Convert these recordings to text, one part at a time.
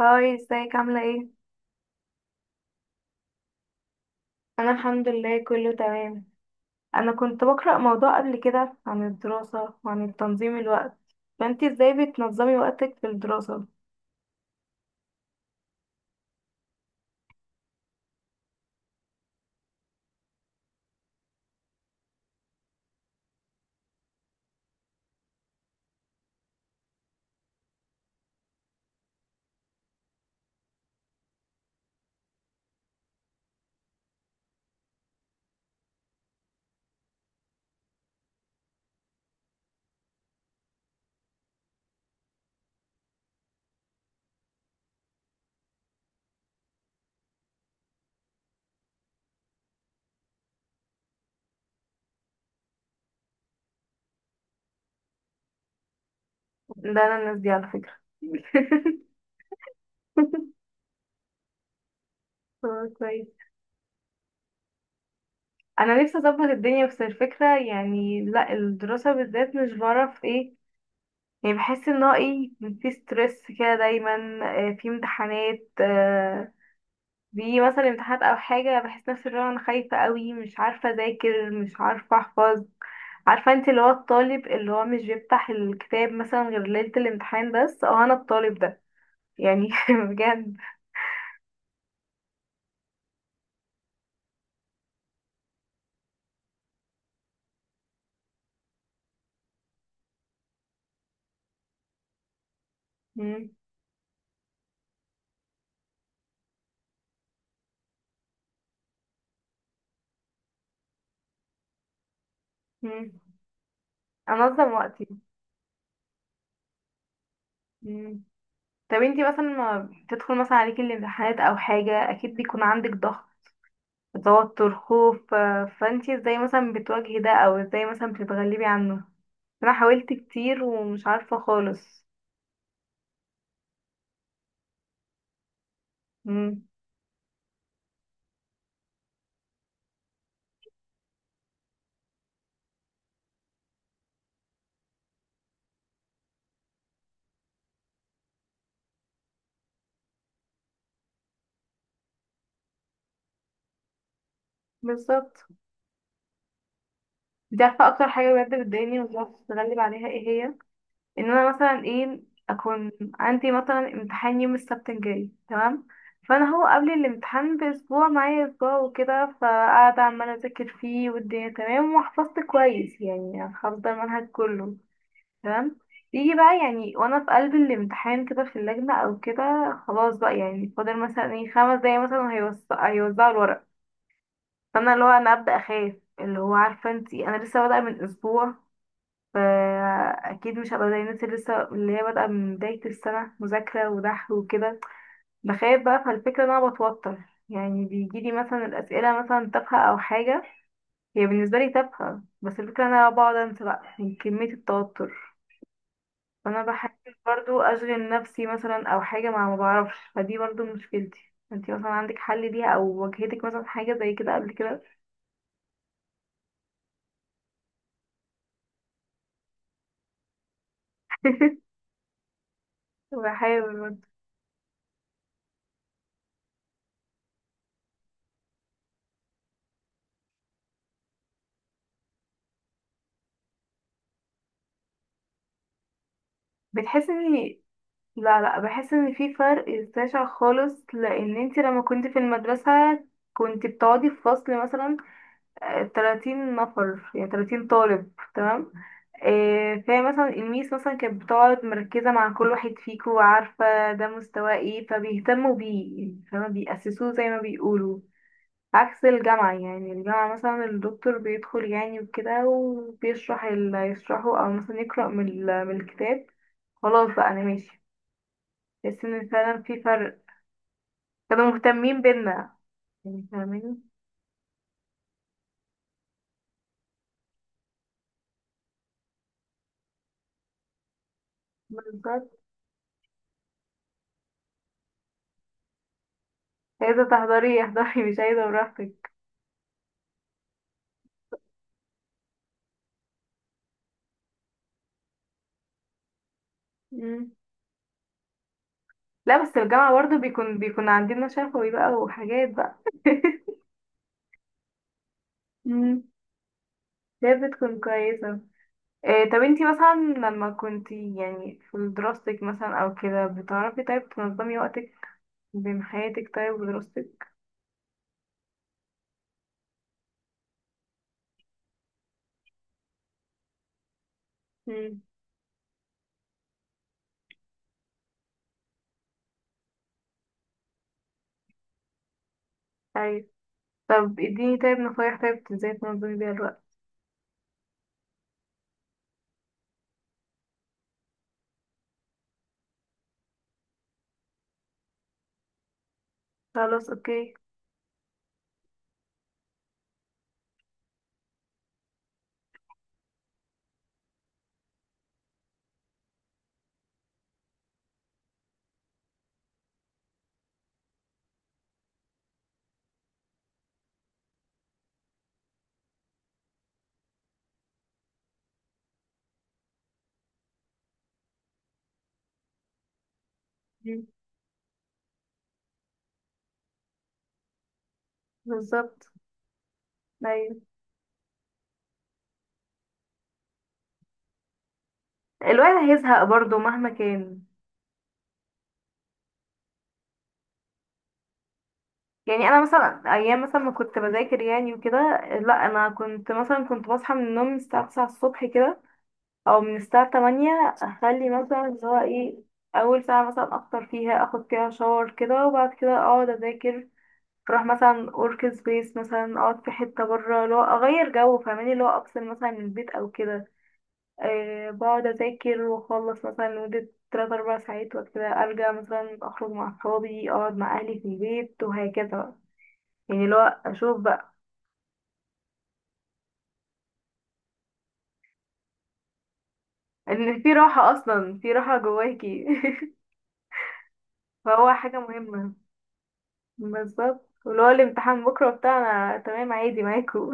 هاي ازيك عاملة ايه؟ أنا الحمد لله كله تمام. أنا كنت بقرأ موضوع قبل كده عن الدراسة وعن تنظيم الوقت، فأنتي ازاي بتنظمي وقتك في الدراسة؟ ده أنا الناس دي على فكرة آه، كويس. أنا نفسي أظبط الدنيا، بس الفكرة يعني لأ، الدراسة بالذات مش بعرف ايه، يعني بحس ان هو ايه، في ستريس كده دايما. آه، في امتحانات، بيجي مثلا امتحانات او حاجه، بحس نفسي اللي هو انا خايفه قوي، مش عارفه اذاكر، مش عارفه احفظ. عارفه انت اللي هو الطالب اللي هو مش بيفتح الكتاب مثلا غير ليله الامتحان بس؟ اه انا الطالب ده يعني بجد. مم. مم. انظم وقتي. مم. طب انتي مثلا ما بتدخل مثلا عليكي الامتحانات او حاجه، اكيد بيكون عندك ضغط، توتر، خوف، فانتي ازاي مثلا بتواجهي ده، او ازاي مثلا بتتغلبي عنه؟ انا حاولت كتير ومش عارفه خالص. بالظبط. دي عارفة أكتر حاجة بجد بتضايقني ومش عارفة أتغلب عليها ايه هي؟ إن أنا مثلا ايه، أكون عندي مثلا امتحان يوم السبت الجاي تمام، فأنا هو قبل الامتحان بأسبوع، معايا أسبوع وكده، فقاعدة عمالة أذاكر فيه والدنيا تمام، وحفظت كويس يعني حافظة المنهج كله تمام. يجي بقى يعني وأنا في قلب الامتحان كده، في اللجنة أو كده، خلاص بقى يعني فاضل مثلا ايه، 5 دقايق مثلا هيوزعوا الورق، فانا اللي هو انا ابدا اخاف. اللي هو عارفه انتي، انا لسه بادئه من اسبوع، فاكيد مش هبقى زي الناس اللي لسه اللي هي بادئه من بدايه السنه مذاكره ودحر وكده. بخاف بقى، فالفكره ان انا بتوتر، يعني بيجيلي مثلا الاسئله مثلا تافهه او حاجه، هي بالنسبه لي تافهه، بس الفكره ان انا بقعد انسى بقى من كميه التوتر. فانا بحاول برضو اشغل نفسي مثلا او حاجه، مع ما بعرفش، فدي برضو مشكلتي. انتي مثلا عندك حل ليها، او واجهتك مثلا حاجه زي كده قبل كده؟ بحاول. بتحس ان، لا لا، بحس ان في فرق شاسع خالص، لان انت لما كنت في المدرسة كنت بتقعدي في فصل مثلا، آه، 30 نفر يعني 30 طالب تمام، آه، فهي مثلا الميس مثلا كانت بتقعد مركزة مع كل واحد فيكو وعارفة ده مستواه ايه، فبيهتموا بيه يعني، فما بيأسسوه زي ما بيقولوا. عكس الجامعة، يعني الجامعة مثلا الدكتور بيدخل يعني وكده وبيشرح اللي هيشرحه، أو مثلا يقرأ من من الكتاب، خلاص بقى انا ماشي. تحس ان فعلا في فرق، كانوا مهتمين بينا، يعني فاهماني؟ بالظبط. عايزة تحضري احضري، مش عايزة براحتك. مم. لا بس الجامعة برضه بيكون عندنا شفوي بقى وحاجات بقى. مم. هي بتكون كويسة. إيه، طب انتي مثلا لما كنتي يعني في دراستك مثلا او كده، بتعرفي طيب تنظمي وقتك بين حياتك طيب ودراستك؟ مم. طيب، طب اديني طيب نصايح، طيب ازاي تنظمي بيها الوقت؟ خلاص اوكي. مم. بالظبط. أيوة. الواحد هيزهق برضه مهما كان. يعني انا مثلا ايام مثلا ما كنت بذاكر يعني وكده، لا انا كنت مثلا كنت بصحى من النوم من الساعه 9 الصبح كده، او من الساعه 8، اخلي مثلا اللي هو ايه، اول ساعه مثلا افطر فيها، اخد فيها شاور كده، وبعد كده اقعد اذاكر. اروح مثلا اورك سبيس مثلا، اقعد في حته بره، اللي هو اغير جو، فاهماني، اللي هو افصل مثلا من البيت او كده. أه، بقعد أذاكر وأخلص مثلا لمدة 3 أربع ساعات، وكده أرجع مثلا أخرج مع أصحابي، أقعد مع أهلي في البيت، وهكذا بقى. يعني لو أشوف بقى، إن في راحة، أصلا في راحة جواكي. فهو حاجة مهمة. بالظبط، ولو الامتحان بكرة بتاع، أنا تمام عادي معاكو.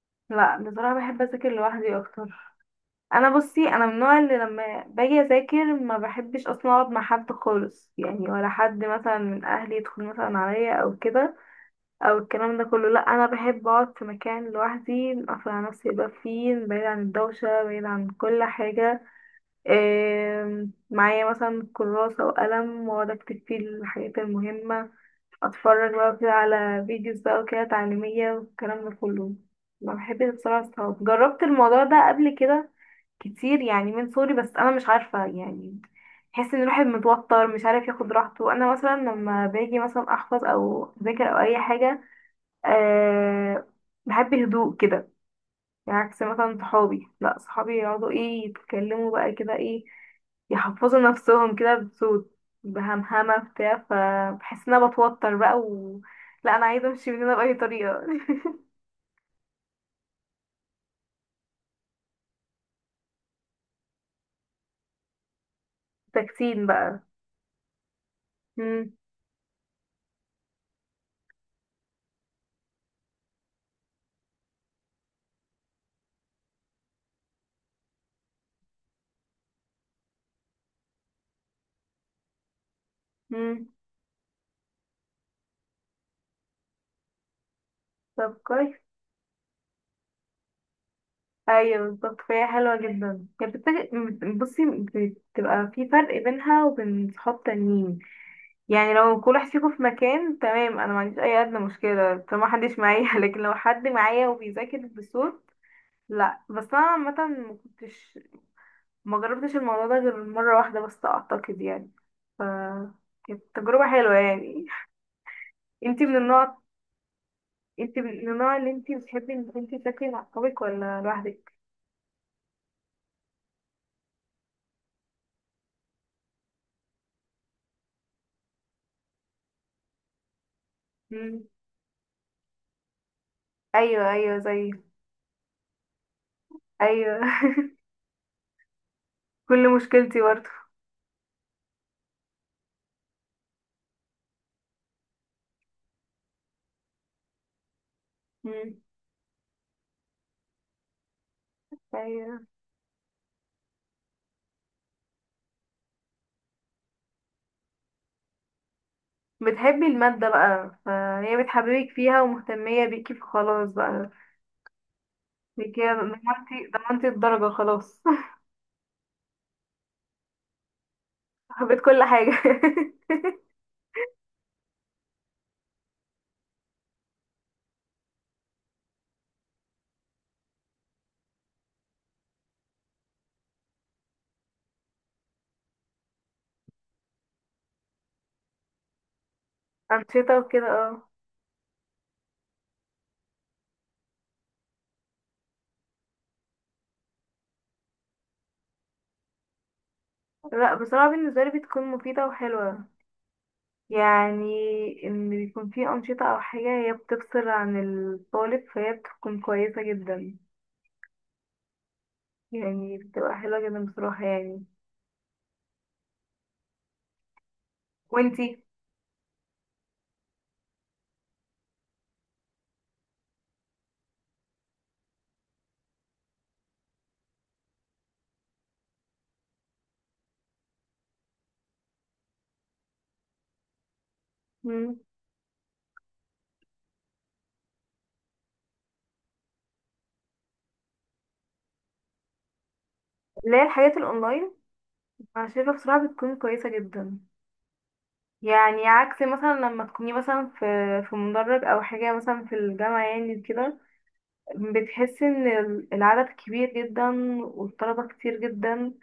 لا بصراحة بحب أذاكر لوحدي أكتر. انا بصي، انا من النوع اللي لما باجي اذاكر ما بحبش اصلا اقعد مع حد خالص يعني، ولا حد مثلا من اهلي يدخل مثلا عليا او كده، او الكلام ده كله، لا، انا بحب اقعد في مكان لوحدي، اقفل على نفسي يبقى فيه، بعيد عن الدوشه، بعيد عن كل حاجه. إيه، معايا مثلا كراسه وقلم واقعد اكتب فيه الحاجات المهمه، اتفرج بقى كده على فيديوز بقى وكده تعليميه والكلام ده كله. ما بحبش بصراحه الصحاب، جربت الموضوع ده قبل كده كتير يعني من صغري، بس انا مش عارفه يعني، بحس ان الواحد متوتر مش عارف ياخد راحته. انا مثلا لما باجي مثلا احفظ او اذاكر او اي حاجه، أه، بحب الهدوء كده. يعني عكس مثلا صحابي، لا صحابي يقعدوا ايه، يتكلموا بقى كده ايه، يحفظوا نفسهم كده بصوت بهمهمة بتاع، فبحس ان انا بتوتر بقى، و لا انا عايزة امشي من هنا بأي طريقة. تكسين بقى. مم. مم. طب كويس. ايوه بالظبط، فهي حلوة جدا يعني، بصي، بتبقى في فرق بينها وبين صحاب تانيين، يعني لو كل واحد فيكم في مكان تمام، انا ما عنديش اي ادنى مشكله طالما محدش معايا. لكن لو حد معايا وبيذاكر بصوت، لا بس انا عامه ما كنتش، ما جربتش الموضوع ده غير مره واحده بس، اعتقد يعني، ف كانت تجربه حلوه يعني. انتي من النوع انتي من النوع اللي انتي بتحبي انك انتي تذاكري مع صحابك ولا لوحدك؟ مم. ايوه ايوه زي ايوه. كل مشكلتي برضه. مم. ايوه. بتحبي المادة بقى، فهي بتحببك فيها ومهتمية بيكي، فخلاص بقى بيكي ضمنتي الدرجة خلاص. حبيت كل حاجة. أنشطة وكده، اه. لا بصراحة بالنسبة لي بتكون مفيدة وحلوة يعني، إن بيكون في أنشطة أو حاجة هي بتفصل عن الطالب، فهي بتكون كويسة جدا. يعني بتبقى حلوة جدا بصراحة يعني. وانتي. مم. اللي هي الحاجات الأونلاين. أنا شايفة بصراحة بتكون كويسة جدا، يعني عكس مثلا لما تكوني مثلا في في مدرج او حاجه مثلا في الجامعه يعني كده، بتحسي ان العدد كبير جدا، والطلبه كتير جدا،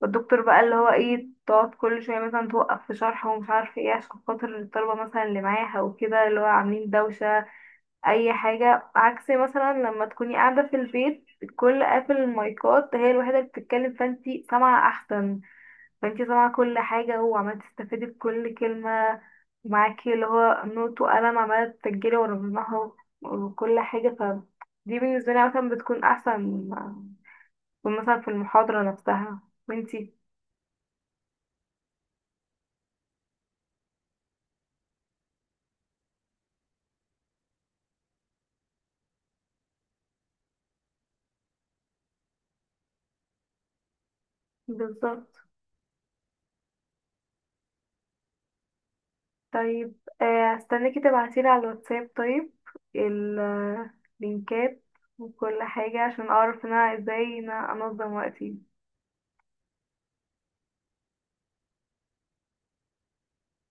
والدكتور بقى اللي هو ايه، تقعد كل شويه مثلا توقف في شرح ومش عارفه ايه عشان خاطر الطلبه مثلا اللي معاها وكده اللي هو عاملين دوشه اي حاجه. عكس مثلا لما تكوني قاعده في البيت، الكل قافل المايكات، هي الوحيده اللي بتتكلم، فانتي سامعه احسن، فانتي سامعة كل حاجة، وعمالة تستفيدي بكل كلمة، ومعاكي اللي هو نوت وقلم عمالة تسجلي ورا بعضها وكل حاجة. ف دي بالنسبة لي مثلا بتكون أحسن من مثلا في المحاضرة نفسها. وانتي؟ بالظبط. طيب، هستناكي تبعتيلي على الواتساب طيب اللينكات وكل حاجة، عشان أعرف إن أنا ازاي إن أنا أنظم وقتي.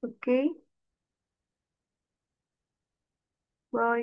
اوكي، باي.